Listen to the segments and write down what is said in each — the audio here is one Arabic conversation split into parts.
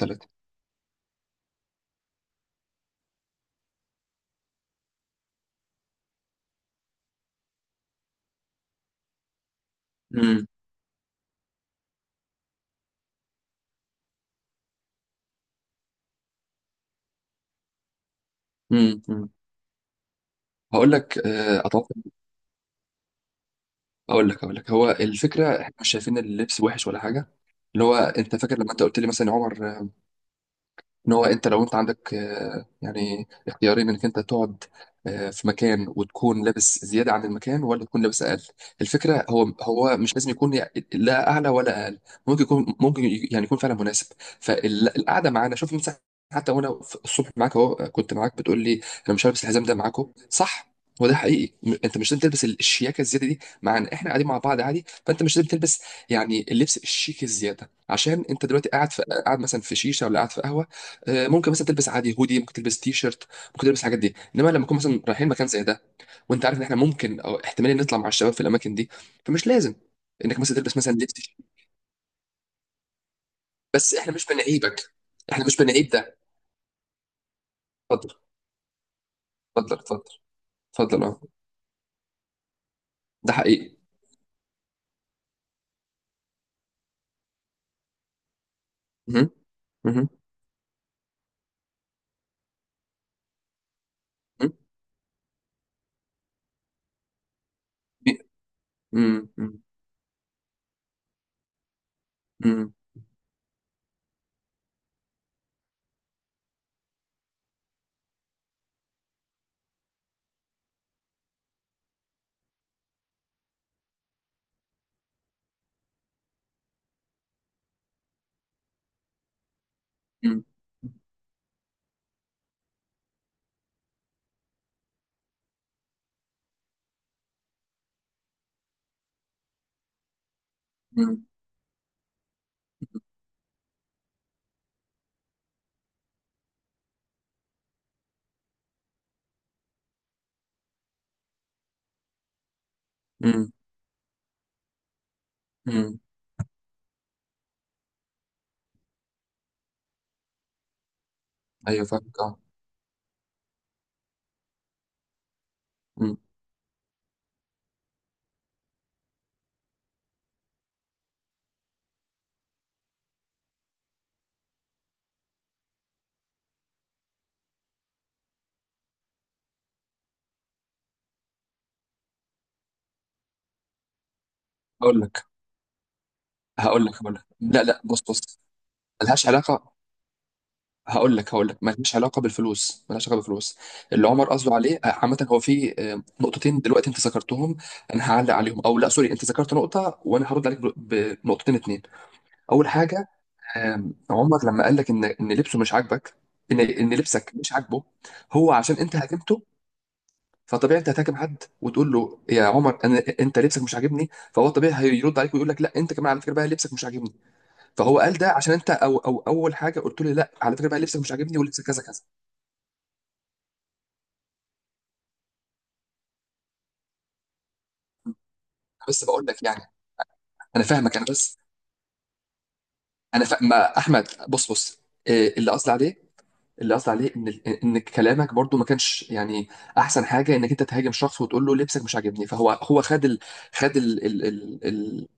ثلاثة. امم أمم. هقول لك، اتوقع. اقول لك هو الفكره احنا مش شايفين اللبس وحش ولا حاجه. اللي هو انت فاكر لما انت قلت لي مثلا يا عمر ان هو انت لو انت عندك يعني اختيارين انك انت تقعد في مكان وتكون لابس زياده عن المكان ولا تكون لابس اقل. الفكره هو هو مش لازم يكون لا اعلى ولا اقل. ممكن يكون، ممكن يعني يكون فعلا مناسب فالقعده معانا. شوف مثلا، حتى وانا في الصبح معاك اهو كنت معاك بتقول لي انا مش هلبس الحزام ده معاكم، صح؟ هو ده حقيقي، انت مش لازم تلبس الشياكه الزياده دي معانا، احنا قاعدين مع بعض عادي. فانت مش لازم تلبس يعني اللبس الشيك الزياده عشان انت دلوقتي قاعد، في قاعد مثلا في شيشه ولا قاعد في قهوه. ممكن مثلا تلبس عادي هودي، ممكن تلبس تي شيرت، ممكن تلبس الحاجات دي. انما لما نكون مثلا رايحين مكان زي ده، وانت عارف ان احنا ممكن او احتمال نطلع مع الشباب في الاماكن دي، فمش لازم انك مثلا تلبس مثلا لبس شيك. بس احنا مش بنعيبك، احنا مش بنعيب ده. اتفضل، اتفضل، اتفضل، اتفضل اه. ده حقيقي. مهم. مهم. مهم. بي- مم. مم. مم. مم. مم. مم. مم. ايوه فاهمك اه. مم. هقول لك هقول لك هقول لك، لا لا، بص بص. ملهاش علاقه. هقول لك مالهاش علاقه بالفلوس، مالهاش علاقه بالفلوس. اللي عمر قصده عليه، عامه، هو في نقطتين دلوقتي انت ذكرتهم. انا هعلق عليهم او لا. سوري انت ذكرت نقطه وانا هرد عليك بنقطتين اتنين. اول حاجه، عمر لما قال لك ان ان لبسه مش عاجبك، ان لبسك مش عاجبه، هو عشان انت هاجمته. فطبيعي انت هتهاجم حد وتقول له يا عمر انا انت لبسك مش عاجبني، فهو طبيعي هيرد عليك ويقول لك لا انت كمان على فكره بقى لبسك مش عاجبني. فهو قال ده عشان انت، او او اول حاجه قلت له لا على فكره بقى لبسك مش عاجبني ولبسك كذا كذا. بس بقول لك يعني، انا فاهمك. انا بس، ما احمد، بص بص. إيه اللي قصدي عليه ان، ان كلامك برضو ما كانش يعني احسن حاجه انك انت تهاجم شخص وتقول له لبسك مش عاجبني. فهو هو خد ال... خد ال... ال... ال...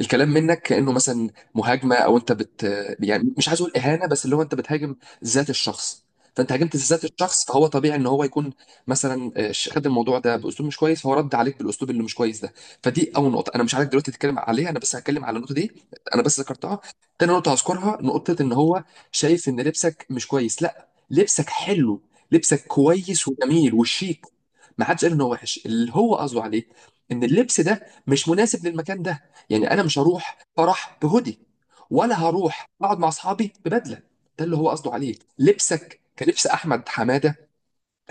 الكلام منك كأنه مثلا مهاجمة، او انت يعني مش عايز اقول اهانة، بس اللي هو انت بتهاجم ذات الشخص. فانت هاجمت ذات الشخص، فهو طبيعي ان هو يكون مثلا، خد الموضوع ده باسلوب مش كويس، فهو رد عليك بالاسلوب اللي مش كويس ده. فدي اول نقطة. انا مش عارف دلوقتي تتكلم عليها، انا بس هتكلم على النقطة دي، انا بس ذكرتها. تاني نقطة هذكرها، نقطة ان هو شايف ان لبسك مش كويس. لا، لبسك حلو، لبسك كويس وجميل وشيك. ما حدش قال ان هو وحش. اللي هو قصده عليه ان اللبس ده مش مناسب للمكان ده. يعني انا مش هروح فرح بهودي، ولا هروح اقعد مع اصحابي ببدله. ده اللي هو قصده عليه. لبسك كلبس احمد حماده،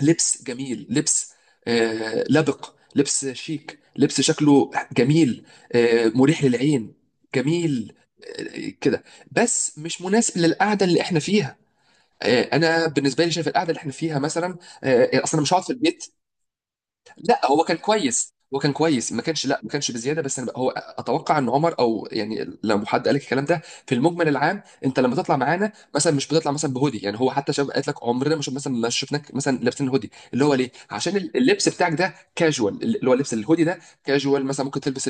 لبس جميل، لبس لبق، لبس شيك، لبس شكله جميل، مريح للعين، جميل، كده. بس مش مناسب للقعده اللي احنا فيها. انا بالنسبه لي شايف القعده اللي احنا فيها مثلا اصلا مش هقعد في البيت. لا هو كان كويس، هو كان كويس، ما كانش، لا ما كانش بزياده. بس أنا هو اتوقع ان عمر، او يعني لو حد قال لك الكلام ده، في المجمل العام انت لما تطلع معانا مثلا مش بتطلع مثلا بهودي. يعني هو حتى شباب قالت لك عمرنا ما شف- مثلا ما شفناك مثلا لابسين هودي. اللي هو ليه؟ عشان اللبس بتاعك ده كاجوال. اللي هو لبس الهودي ده كاجوال، مثلا ممكن تلبس.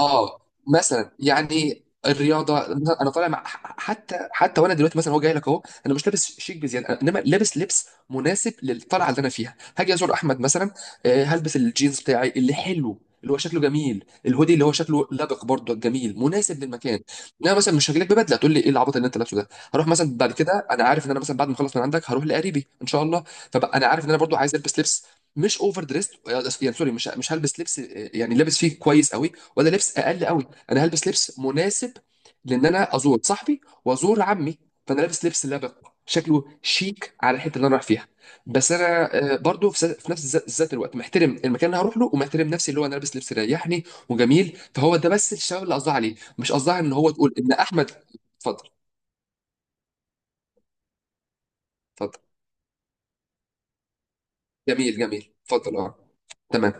اه، مثلا يعني الرياضه. انا طالع مع، حتى وانا دلوقتي مثلا هو جاي لك اهو، انا مش لابس شيك بزياده. انما لابس لبس مناسب للطلعه اللي انا فيها. هاجي ازور احمد مثلا، هلبس الجينز بتاعي اللي حلو، اللي هو شكله جميل، الهودي اللي هو شكله لبق برضه جميل، مناسب للمكان. انا مثلا مش هاجي لك ببدله تقول لي ايه العبط اللي انت لابسه ده. هروح مثلا بعد كده، انا عارف ان انا مثلا بعد ما اخلص من عندك هروح لقريبي ان شاء الله. فبقى انا عارف ان انا برضه عايز البس لبس مش اوفر دريست. يعني سوري، مش مش هلبس لبس يعني لابس فيه كويس قوي، ولا لبس اقل قوي. انا هلبس لبس مناسب لان انا ازور صاحبي وازور عمي. فانا لابس لبس لبق، شكله شيك على الحته اللي انا رايح فيها. بس انا برضو في نفس ذات الوقت محترم المكان اللي هروح له، ومحترم نفسي اللي هو انا لابس لبس يريحني وجميل. فهو ده بس الشباب اللي قصدها عليه، مش قصدها ان هو تقول ان احمد. اتفضل اتفضل. جميل جميل اتفضل اه. تمام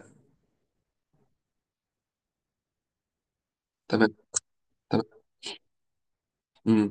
تمام تمام. امم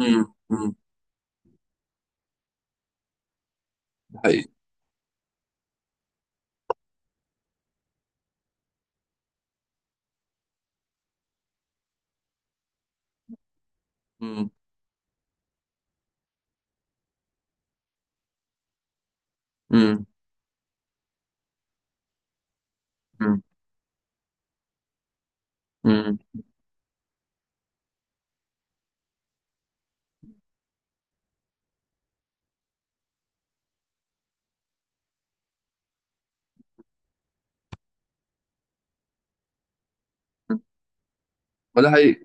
امم امم. ده حقيقي. امم امم امم. ولا حقيقي.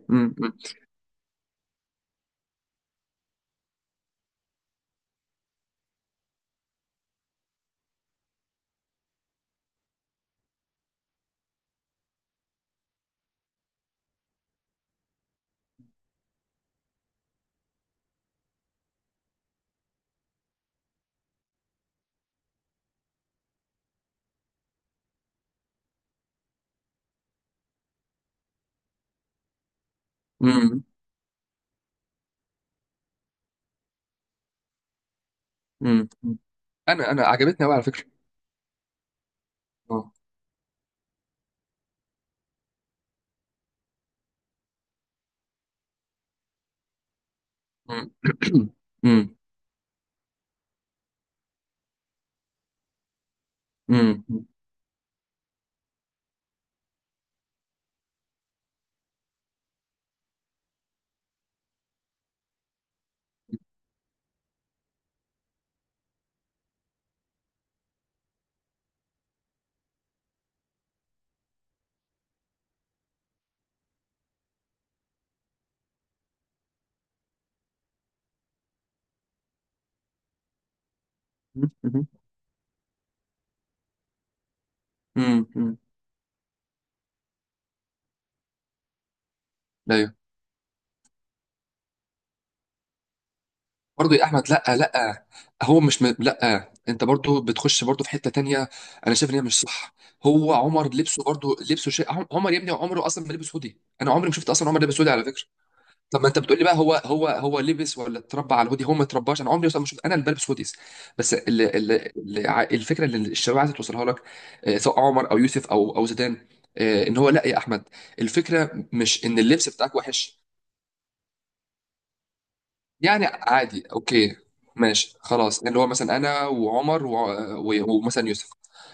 امم امم. انا عجبتني قوي على فكره اه. امم امم امم امم. ايوه. برضه يا احمد لا لا، هو مش لا، انت برضه بتخش برضه في حته تانية. انا شايف ان هي مش صح. هو عمر لبسه برضه، لبسه شيء. عمر يا ابني عمره اصلا ما لبس هودي. انا عمري ما شفت اصلا عمر لابس هودي على فكره. طب ما انت بتقول لي بقى هو هو لبس ولا اتربى على الهودي؟ هو ما اترباش. انا عمري اصلا ما شفت انا اللي بلبس هوديز. بس ال الفكره اللي الشباب عايزه توصلها لك، سواء عمر او يوسف او زيدان، ان هو لا يا احمد، الفكره مش ان اللبس بتاعك وحش. يعني عادي اوكي، ماشي خلاص. اللي هو مثلا انا وعمر ومثلا يوسف،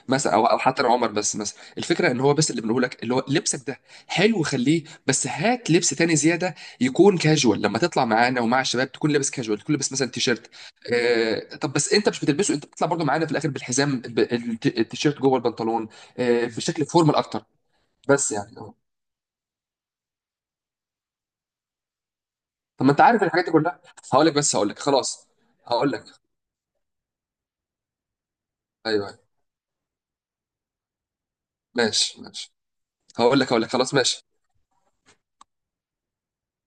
مثلا او حتى لو عمر بس. مثلا الفكره ان هو بس اللي بنقول لك، اللي هو لبسك ده حلو خليه، بس هات لبس تاني زياده يكون كاجوال. لما تطلع معانا ومع الشباب تكون لابس كاجوال، تكون لابس مثلا تيشيرت. آه، طب بس انت مش بتلبسه، انت بتطلع برضو معانا في الاخر بالحزام، التيشيرت جوه البنطلون. آه، في شكل فورمال اكتر. بس يعني طب ما انت عارف الحاجات دي كلها. هقول لك، بس هقول لك خلاص. هقول لك، ايوه أيوة. ماشي ماشي. هقول لك خلاص، ماشي.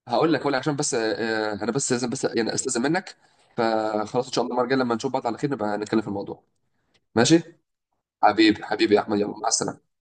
هقول لك عشان بس انا بس لازم بس يعني استاذن منك. فخلاص ان شاء الله المره الجايه لما نشوف بعض على خير نبقى نتكلم في الموضوع. ماشي. حبيبي حبيبي يا احمد، يلا مع السلامه.